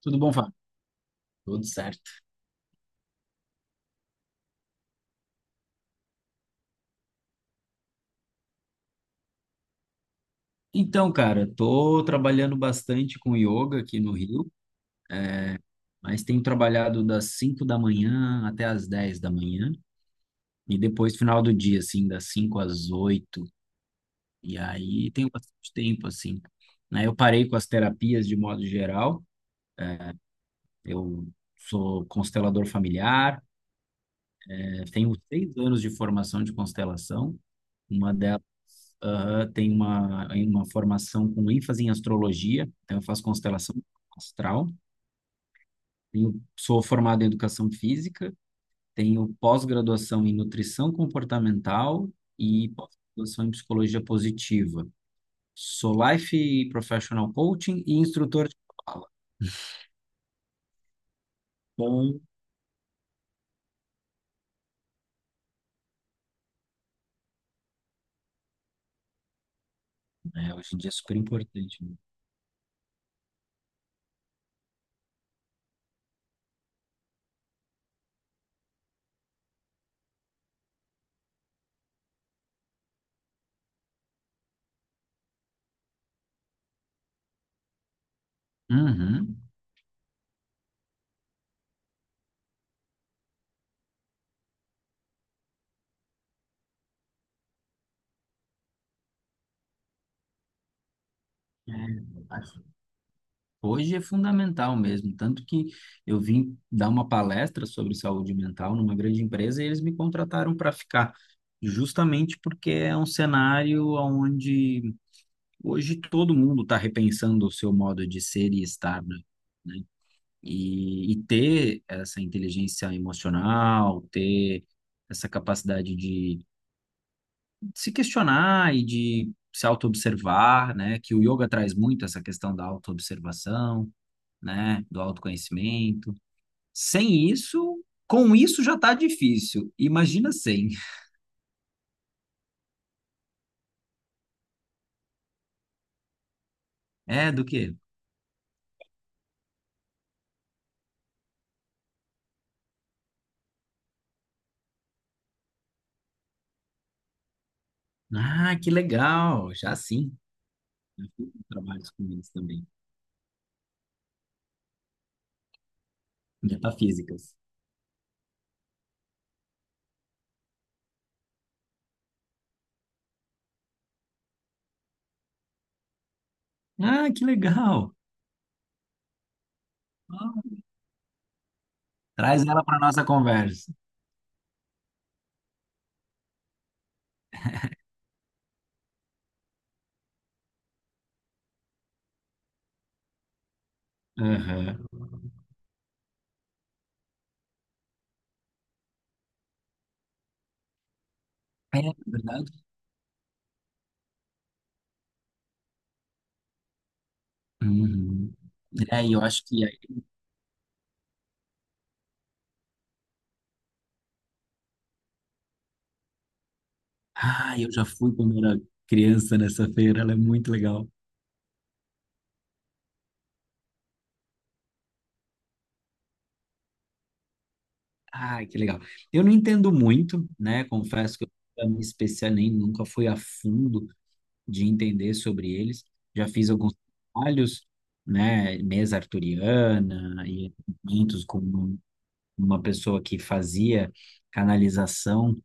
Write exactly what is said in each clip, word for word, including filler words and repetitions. Tudo bom, Fábio? Tudo certo. Então, cara, tô trabalhando bastante com yoga aqui no Rio, mas tenho trabalhado das cinco da manhã até as dez da manhã e depois final do dia, assim, das cinco às oito. E aí tenho bastante tempo, assim. Aí eu parei com as terapias de modo geral. Eu sou constelador familiar. Eu tenho seis anos de formação de constelação. Uma delas, aham, tem uma, uma formação com ênfase em astrologia, então eu faço constelação astral. Tenho, sou formado em educação física, tenho pós-graduação em nutrição comportamental e pós-graduação em psicologia positiva. Sou life professional coaching e instrutor de fala. Bom, né, hoje em dia é super importante, né? Uhum. É, hoje é fundamental mesmo, tanto que eu vim dar uma palestra sobre saúde mental numa grande empresa e eles me contrataram para ficar, justamente porque é um cenário onde hoje todo mundo está repensando o seu modo de ser e estar, né? né? E, e ter essa inteligência emocional, ter essa capacidade de se questionar e de se autoobservar, né? Que o yoga traz muito essa questão da autoobservação, né, do autoconhecimento. Sem isso, com isso já tá difícil. Imagina sem. É, do quê? Ah, que legal, já sim. Eu fiz trabalhos com eles também, metafísicas. Ah, que legal. Ah, traz ela para nossa conversa. Aham. É, verdade. Uhum. É, e eu acho que. Ah, eu já fui quando era criança nessa feira, ela é muito legal. Ai, que legal. Eu não entendo muito, né? Confesso que eu nunca me especial nem nunca fui a fundo de entender sobre eles. Já fiz alguns trabalhos, né? Mesa arturiana e eventos com uma pessoa que fazia canalização,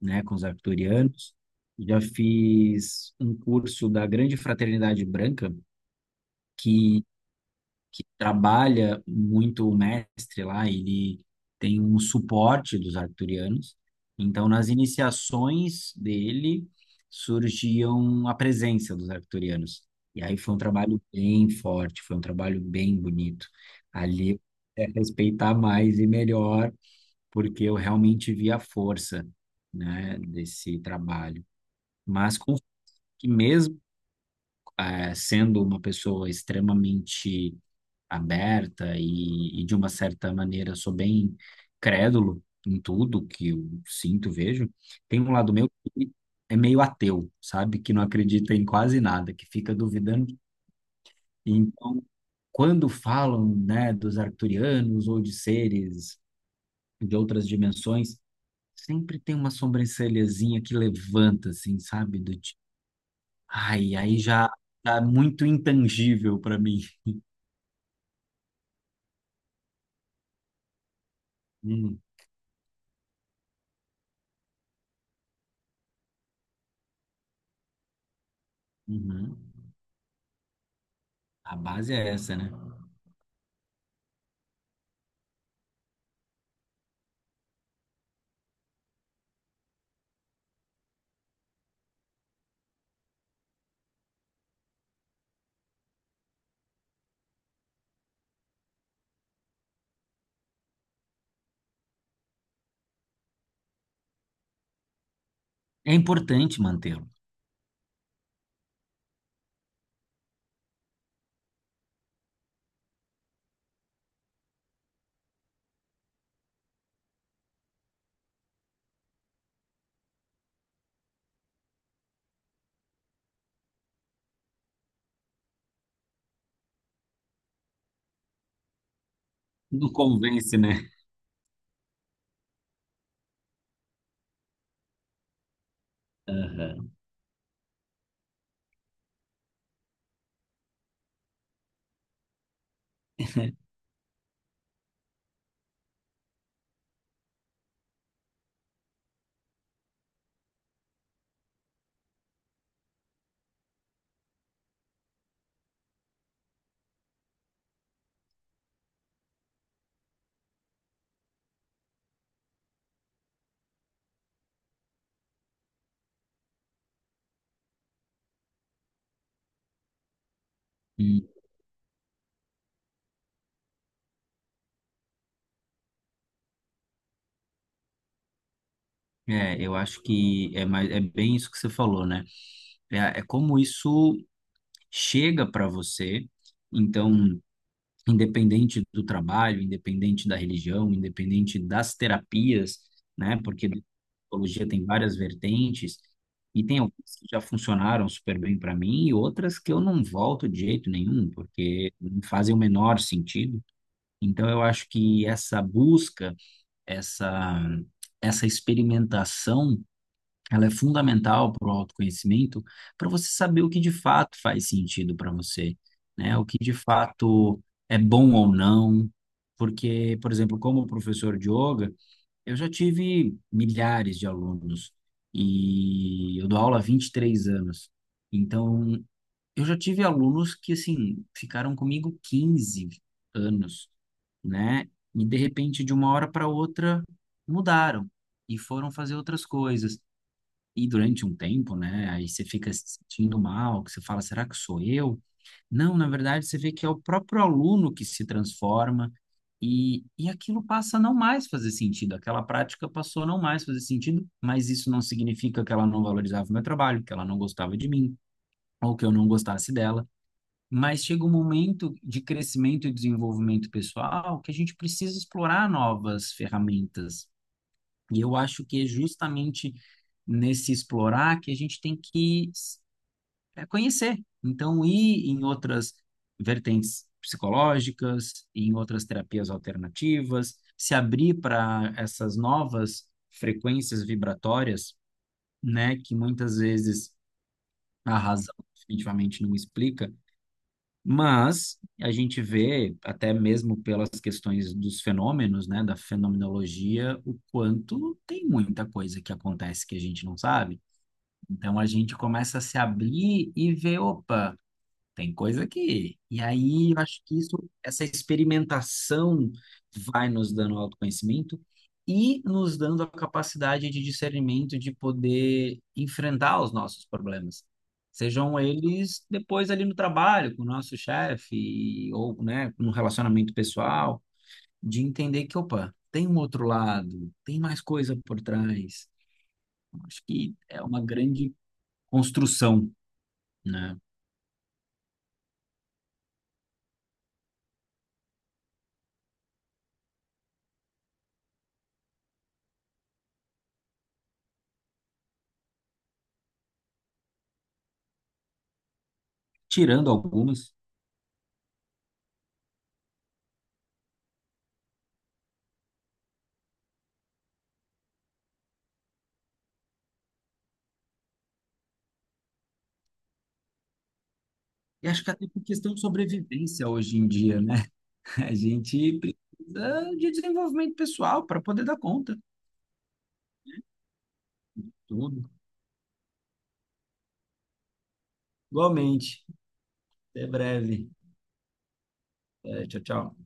né? Com os arturianos. Já fiz um curso da Grande Fraternidade Branca, que que trabalha muito o mestre lá, ele tem um suporte dos arcturianos. Então, nas iniciações dele, surgiam a presença dos arcturianos. E aí foi um trabalho bem forte, foi um trabalho bem bonito. Ali é respeitar mais e melhor, porque eu realmente vi a força, né, desse trabalho. Mas com que mesmo eh, sendo uma pessoa extremamente aberta e, e, de uma certa maneira, sou bem crédulo em tudo que eu sinto, vejo. Tem um lado meu que é meio ateu, sabe? Que não acredita em quase nada, que fica duvidando. E então, quando falam, né, dos arcturianos ou de seres de outras dimensões, sempre tem uma sobrancelhazinha que levanta, assim, sabe? Do tipo, ai, aí já tá muito intangível para mim. Hum, uhum. A base é essa, né? É importante mantê-lo. Não convence, né? Aham. Hum. É, eu acho que é, mais, é bem isso que você falou, né? É, é como isso chega para você. Então, independente do trabalho, independente da religião, independente das terapias, né? Porque a psicologia tem várias vertentes e tem algumas que já funcionaram super bem para mim e outras que eu não volto de jeito nenhum, porque não fazem o menor sentido. Então, eu acho que essa busca, essa essa experimentação, ela é fundamental para o autoconhecimento, para você saber o que de fato faz sentido para você, né? O que de fato é bom ou não. Porque, por exemplo, como professor de yoga, eu já tive milhares de alunos e eu dou aula há vinte e três anos. Então, eu já tive alunos que, assim, ficaram comigo quinze anos, né? E, de repente, de uma hora para outra, mudaram e foram fazer outras coisas. E durante um tempo, né? Aí você fica se sentindo mal, que você fala, será que sou eu? Não, na verdade, você vê que é o próprio aluno que se transforma e, e aquilo passa a não mais fazer sentido. Aquela prática passou a não mais fazer sentido, mas isso não significa que ela não valorizava o meu trabalho, que ela não gostava de mim, ou que eu não gostasse dela. Mas chega um momento de crescimento e desenvolvimento pessoal que a gente precisa explorar novas ferramentas. E eu acho que é justamente nesse explorar que a gente tem que é, conhecer. Então, ir em outras vertentes psicológicas, em outras terapias alternativas, se abrir para essas novas frequências vibratórias, né, que muitas vezes a razão definitivamente não explica. Mas a gente vê, até mesmo pelas questões dos fenômenos, né, da fenomenologia, o quanto tem muita coisa que acontece que a gente não sabe. Então a gente começa a se abrir e ver, opa. Tem coisa que. E aí, eu acho que isso, essa experimentação vai nos dando autoconhecimento e nos dando a capacidade de discernimento de poder enfrentar os nossos problemas. Sejam eles depois ali no trabalho, com o nosso chefe, ou, né, no relacionamento pessoal, de entender que, opa, tem um outro lado, tem mais coisa por trás. Eu acho que é uma grande construção, né? Tirando algumas. E acho que até por questão de sobrevivência hoje em dia, né? A gente precisa de desenvolvimento pessoal para poder dar conta de tudo. Igualmente. Até breve. É, tchau, tchau.